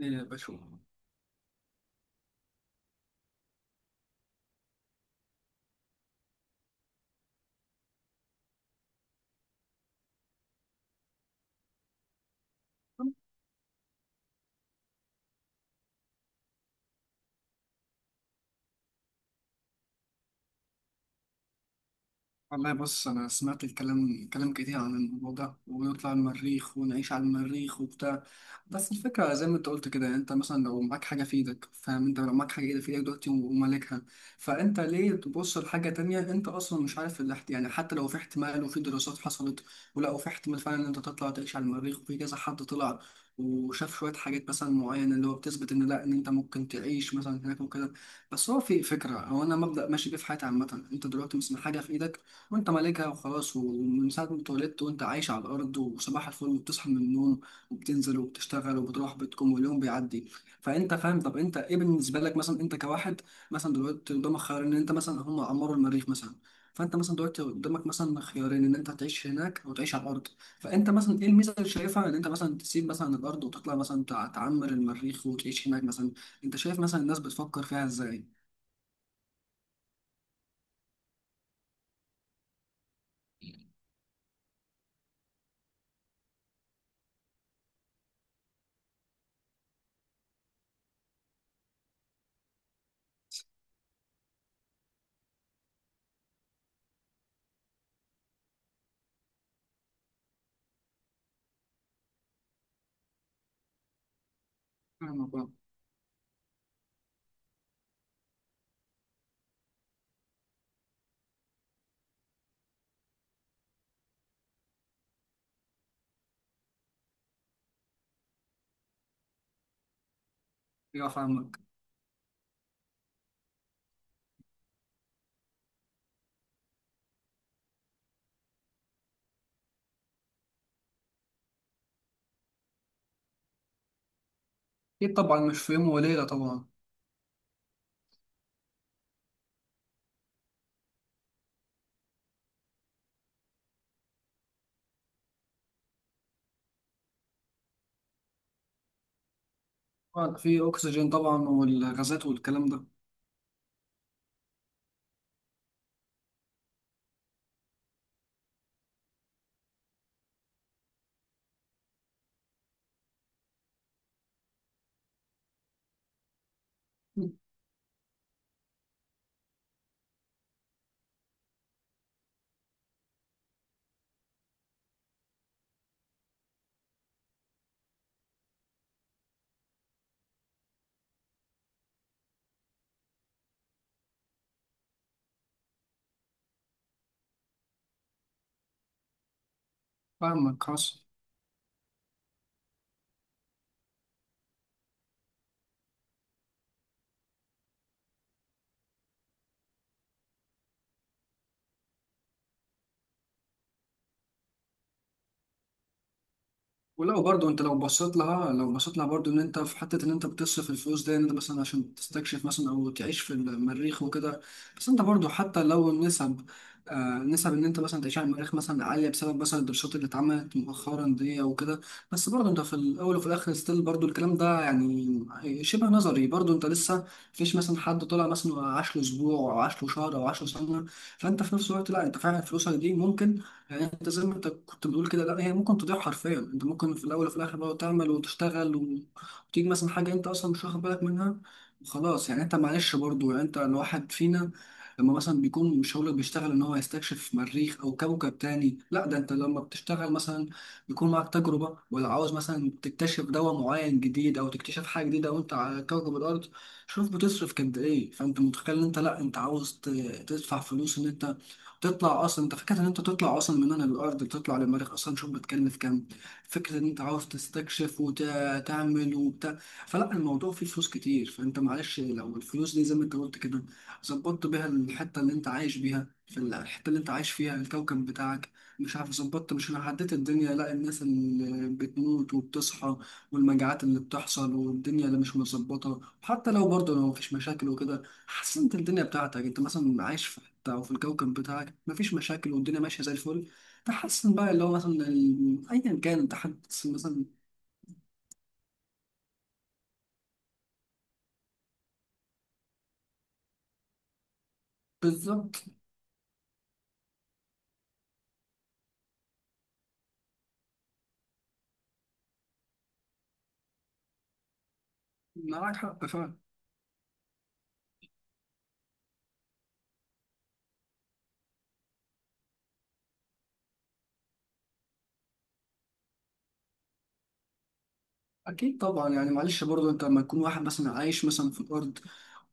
إيه، بشوف. والله بص، أنا سمعت كلام كتير عن الموضوع ده، ونطلع المريخ ونعيش على المريخ وبتاع. بس الفكرة زي ما أنت قلت كده، أنت مثلا لو معاك حاجة في إيدك، فاهم؟ أنت لو معاك حاجة في إيدك دلوقتي ومالكها، فأنت ليه تبص لحاجة تانية؟ أنت أصلا مش عارف اللي حتى لو في احتمال وفي دراسات حصلت ولقوا في احتمال فعلا إن أنت تطلع تعيش على المريخ، وفي كذا حد طلع وشاف شوية حاجات مثلا معينة اللي هو بتثبت إن لأ، إن أنت ممكن تعيش مثلا هناك وكده. بس هو في فكرة، هو أنا مبدأ ماشي بيه في حياتي عامة. أنت دلوقتي مثلا حاجة في إيدك وانت مالكها وخلاص، ومن ساعة ما اتولدت وانت عايش على الأرض وصباح الفل، وبتصحى من النوم وبتنزل وبتشتغل وبتروح بيتكم واليوم بيعدي. فانت فاهم، طب انت ايه بالنسبة لك مثلا انت كواحد مثلا دلوقتي قدامك خيار ان انت مثلا هم عمروا المريخ مثلا، فانت مثلا دلوقتي قدامك مثلا خيارين ان انت تعيش هناك او تعيش على الأرض؟ فانت مثلا ايه الميزة اللي شايفها ان انت مثلا تسيب مثلا الأرض وتطلع مثلا تعمر المريخ وتعيش هناك مثلا؟ انت شايف مثلا الناس بتفكر فيها ازاي؟ فاهمك، اه. ايوه فاهمك. اكيد طبعا، مش في يوم وليلة طبعا. آه، في أكسجين طبعا والغازات والكلام ده. فاهمك خلاص. ولو برضو انت لو بصيت لها برضو ان انت في حته ان انت بتصرف الفلوس دي ان انت مثلا عشان تستكشف مثلا او تعيش في المريخ وكده، بس انت برضو حتى لو النسب، آه نسب ان انت مثلا تعيش على المريخ مثلا عاليه بسبب مثلا الدراسات اللي اتعملت مؤخرا دي او كده، بس برضو انت في الاول وفي الاخر ستيل برضو الكلام ده يعني شبه نظري. برضو انت لسه مفيش مثلا حد طلع مثلا وعاش له اسبوع او عاش له شهر او عاش له سنه. فانت في نفس الوقت لا، انت فعلا فلوسك دي ممكن يعني انت زي ما انت كنت بتقول كده، لا هي ممكن تضيع حرفيا. انت ممكن في الاول وفي الاخر بقى تعمل وتشتغل وتيجي مثلا حاجه انت اصلا مش واخد بالك منها. خلاص يعني انت معلش برضو، يعني انت الواحد فينا لما مثلا بيكون مش هو اللي بيشتغل ان هو يستكشف مريخ او كوكب تاني، لا ده انت لما بتشتغل مثلا بيكون معاك تجربه، ولا عاوز مثلا تكتشف دواء معين جديد او تكتشف حاجه جديده وانت على كوكب الارض، شوف بتصرف قد ايه. فانت متخيل ان انت لا، انت عاوز تدفع فلوس ان انت تطلع اصلا؟ انت فكره ان انت تطلع اصلا من هنا للارض تطلع للمريخ اصلا شوف بتكلف كام! فكره ان انت عاوز تستكشف وتعمل وبتاع، فلا الموضوع فيه فلوس كتير. فانت معلش لو الفلوس دي زي ما انت قلت كده ظبطت بيها الحته اللي انت عايش بيها، في الحته اللي انت عايش فيها الكوكب بتاعك، مش عارف ظبطت مش انا عديت الدنيا، لا الناس اللي بتموت وبتصحى والمجاعات اللي بتحصل والدنيا اللي مش مظبطه. حتى لو برضه لو مفيش مشاكل وكده، حاسس انت الدنيا بتاعتك انت مثلا عايش في حته او في الكوكب بتاعك مفيش مشاكل والدنيا ماشيه زي الفل، تحسن بقى اللي هو مثلا ايا كان انت حاسس مثلا. بالظبط. معاك حق فعلا. اكيد طبعا، يعني معلش برضه انت لما تكون واحد مثلا عايش مثلا في الارض،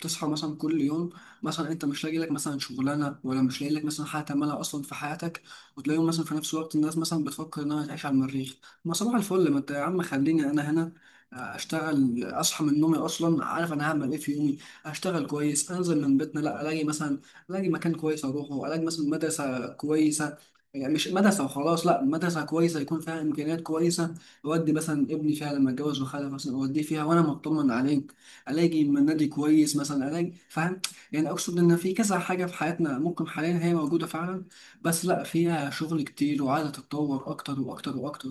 تصحى مثلا كل يوم، مثلا انت مش لاقي لك مثلا شغلانه ولا مش لاقي لك مثلا حاجه تعملها اصلا في حياتك، وتلاقيهم مثلا في نفس الوقت الناس مثلا بتفكر انها تعيش على المريخ. ما صباح الفل، ما انت يا عم خليني انا هنا، آه، اشتغل، اصحى من نومي اصلا عارف انا هعمل ايه في يومي، اشتغل كويس، انزل من بيتنا لا الاقي مكان كويس اروحه، الاقي مثلا مدرسه كويسه، يعني مش مدرسة وخلاص لا، مدرسة كويسة يكون فيها إمكانيات كويسة، أودي مثلا ابني فيها لما أتجوز وخلف مثلا، أوديه فيها وأنا مطمن عليه، الاقي من نادي كويس مثلا، الاقي فاهم. يعني اقصد ان في كذا حاجه في حياتنا ممكن حاليا هي موجوده فعلا، بس لا فيها شغل كتير وعايزه تتطور اكتر واكتر واكتر.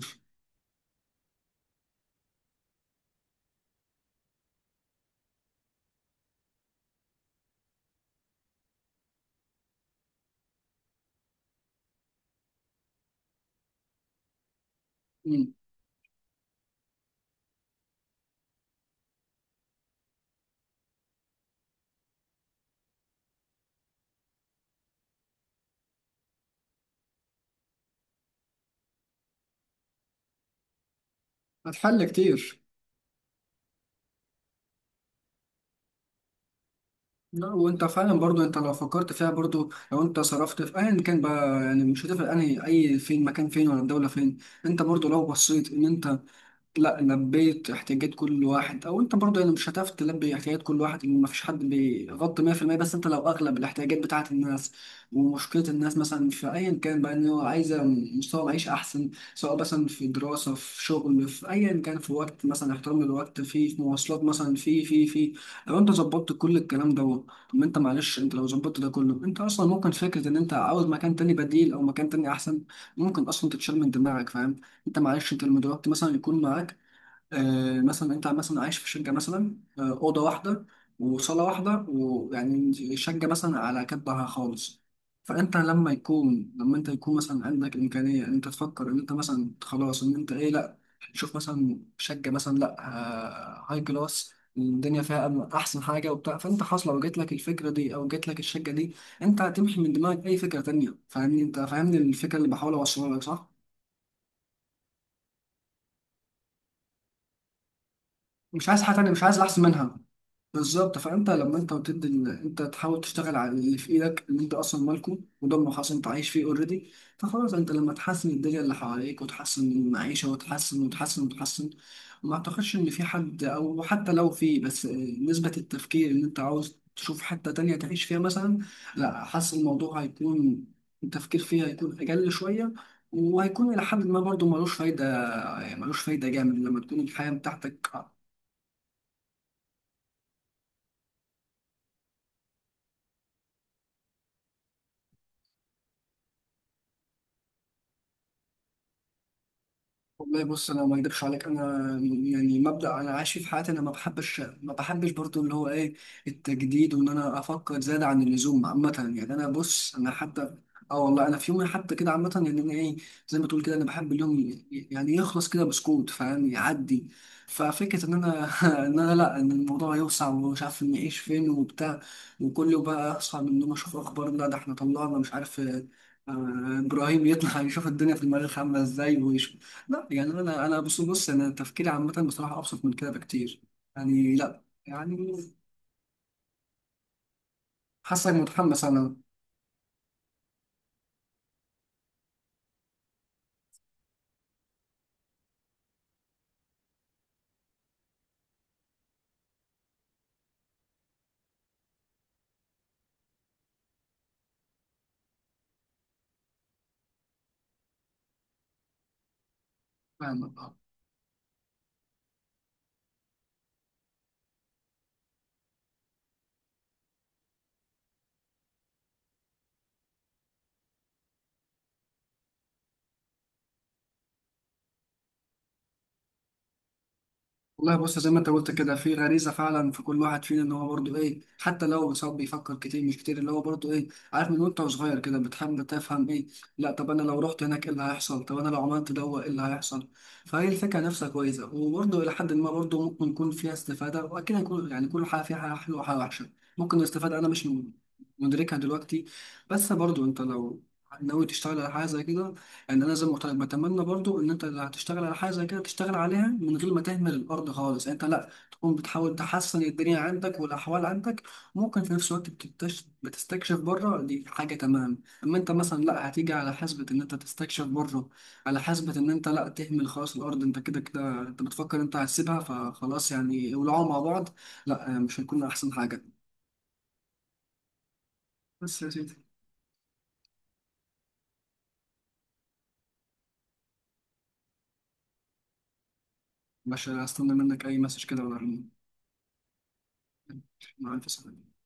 مم. هتحل كتير. لا، وانت فعلا برضو انت لو فكرت فيها برضو لو انت صرفت في ايا كان بقى يعني مش هتفرق انهي اي فين مكان فين ولا الدوله فين. انت برضو لو بصيت ان انت لا لبيت احتياجات كل واحد، او انت برضه يعني مش هتعرف تلبي احتياجات كل واحد لان مفيش حد بيغطي 100%، بس انت لو اغلب الاحتياجات بتاعه الناس ومشكله الناس مثلا في ايا كان بقى ان هو عايزه مستوى معيشي احسن، سواء مثلا في دراسه، في شغل، في ايا كان، في وقت مثلا احترام الوقت، في في مواصلات، مثلا في، لو انت ظبطت كل الكلام ده، طب انت معلش انت لو ظبطت ده كله انت اصلا ممكن فكره ان انت عاوز مكان تاني بديل او مكان تاني احسن ممكن اصلا تتشال من دماغك. انت معلش انت لما دلوقتي مثلا يكون معاك آه مثلا انت مثلا عايش في شقه مثلا، آه اوضه واحده وصاله واحده ويعني شقه مثلا على كبها خالص، فانت لما يكون لما انت يكون مثلا عندك امكانيه ان انت تفكر ان انت مثلا خلاص ان انت ايه، لا تشوف مثلا شقه مثلا، لا آه هاي كلاس الدنيا فيها احسن حاجه وبتاع، فانت خلاص لو جات لك الفكره دي او جات لك الشقه دي، انت هتمحي من دماغك اي فكره تانية. فاهمني؟ انت فاهمني الفكره اللي بحاول اوصلها لك، صح؟ مش عايز حاجه تانية، مش عايز الاحسن منها. بالظبط. فانت لما انت وتدي انت تحاول تشتغل على اللي في ايدك اللي انت اصلا مالكه، وده ما خلاص انت عايش فيه اوريدي. فخلاص انت لما تحسن الدنيا اللي حواليك وتحسن المعيشه وتحسن وتحسن وتحسن، ما اعتقدش ان في حد، او حتى لو في، بس آه، نسبه التفكير ان انت عاوز تشوف حته تانية تعيش فيها مثلا، لا حاسس الموضوع هيكون، التفكير فيها هيكون اقل شويه، وهيكون إلى حد ما برضه ملوش فايدة. ملوش فايدة جامد لما تكون الحياة بتاعتك. والله بص، انا ما اكدبش عليك، انا يعني مبدأ انا عايش فيه في حياتي، انا ما بحبش برضو اللي هو ايه، التجديد، وان انا افكر زيادة عن اللزوم عامة يعني. انا حتى، اه والله انا في يومي حتى كده عامة يعني، انا ايه زي ما تقول كده، انا بحب اليوم يعني يخلص كده بسكوت فاهم، يعدي. ففكرة ان انا ان انا لا، ان الموضوع يوسع ومش عارف نعيش فين وبتاع، وكل يوم بقى اصحى من النوم اشوف اخبار لا ده احنا طلعنا مش عارف آه، ابراهيم يطلع يشوف الدنيا في المريخ عامله ازاي. لا يعني انا، انا بص بص انا تفكيري عامه بصراحه ابسط من كده بكتير. يعني لا يعني. حاسك متحمس انا فاهم. والله بص، زي ما انت قلت كده في غريزه فعلا في كل واحد فينا ان هو برضه ايه حتى لو سواء بيفكر كتير مش كتير، اللي هو برضه ايه، عارف من وانت صغير كده بتحب تفهم ايه، لا طب انا لو رحت هناك ايه اللي هيحصل، طب انا لو عملت دوا ايه اللي هيحصل. فهي الفكره نفسها كويسه، وبرضه الى حد ما برضه ممكن يكون فيها استفاده، واكيد هيكون يعني كل حاجه فيها حاجه حلوه وحاجه وحشه. ممكن الاستفاده انا مش مدركها دلوقتي، بس برضه انت لو ناوي تشتغل على حاجه زي كده، يعني انا لازم بتمنى برضو ان انت لو هتشتغل على حاجه زي كده تشتغل عليها من غير ما تهمل الارض خالص. يعني انت لا تكون بتحاول تحسن الدنيا عندك والاحوال عندك، ممكن في نفس الوقت بتستكشف بره، دي حاجه تمام. اما انت مثلا لا هتيجي على حسبه ان انت تستكشف بره على حسبه ان انت لا تهمل خلاص الارض، انت كده كده انت بتفكر انت هتسيبها فخلاص يعني ولعوا مع بعض، لا مش هيكون احسن حاجه. بس يا سيدي، مش هستنى منك اي مسج كده ولا؟ مع الف سلامه.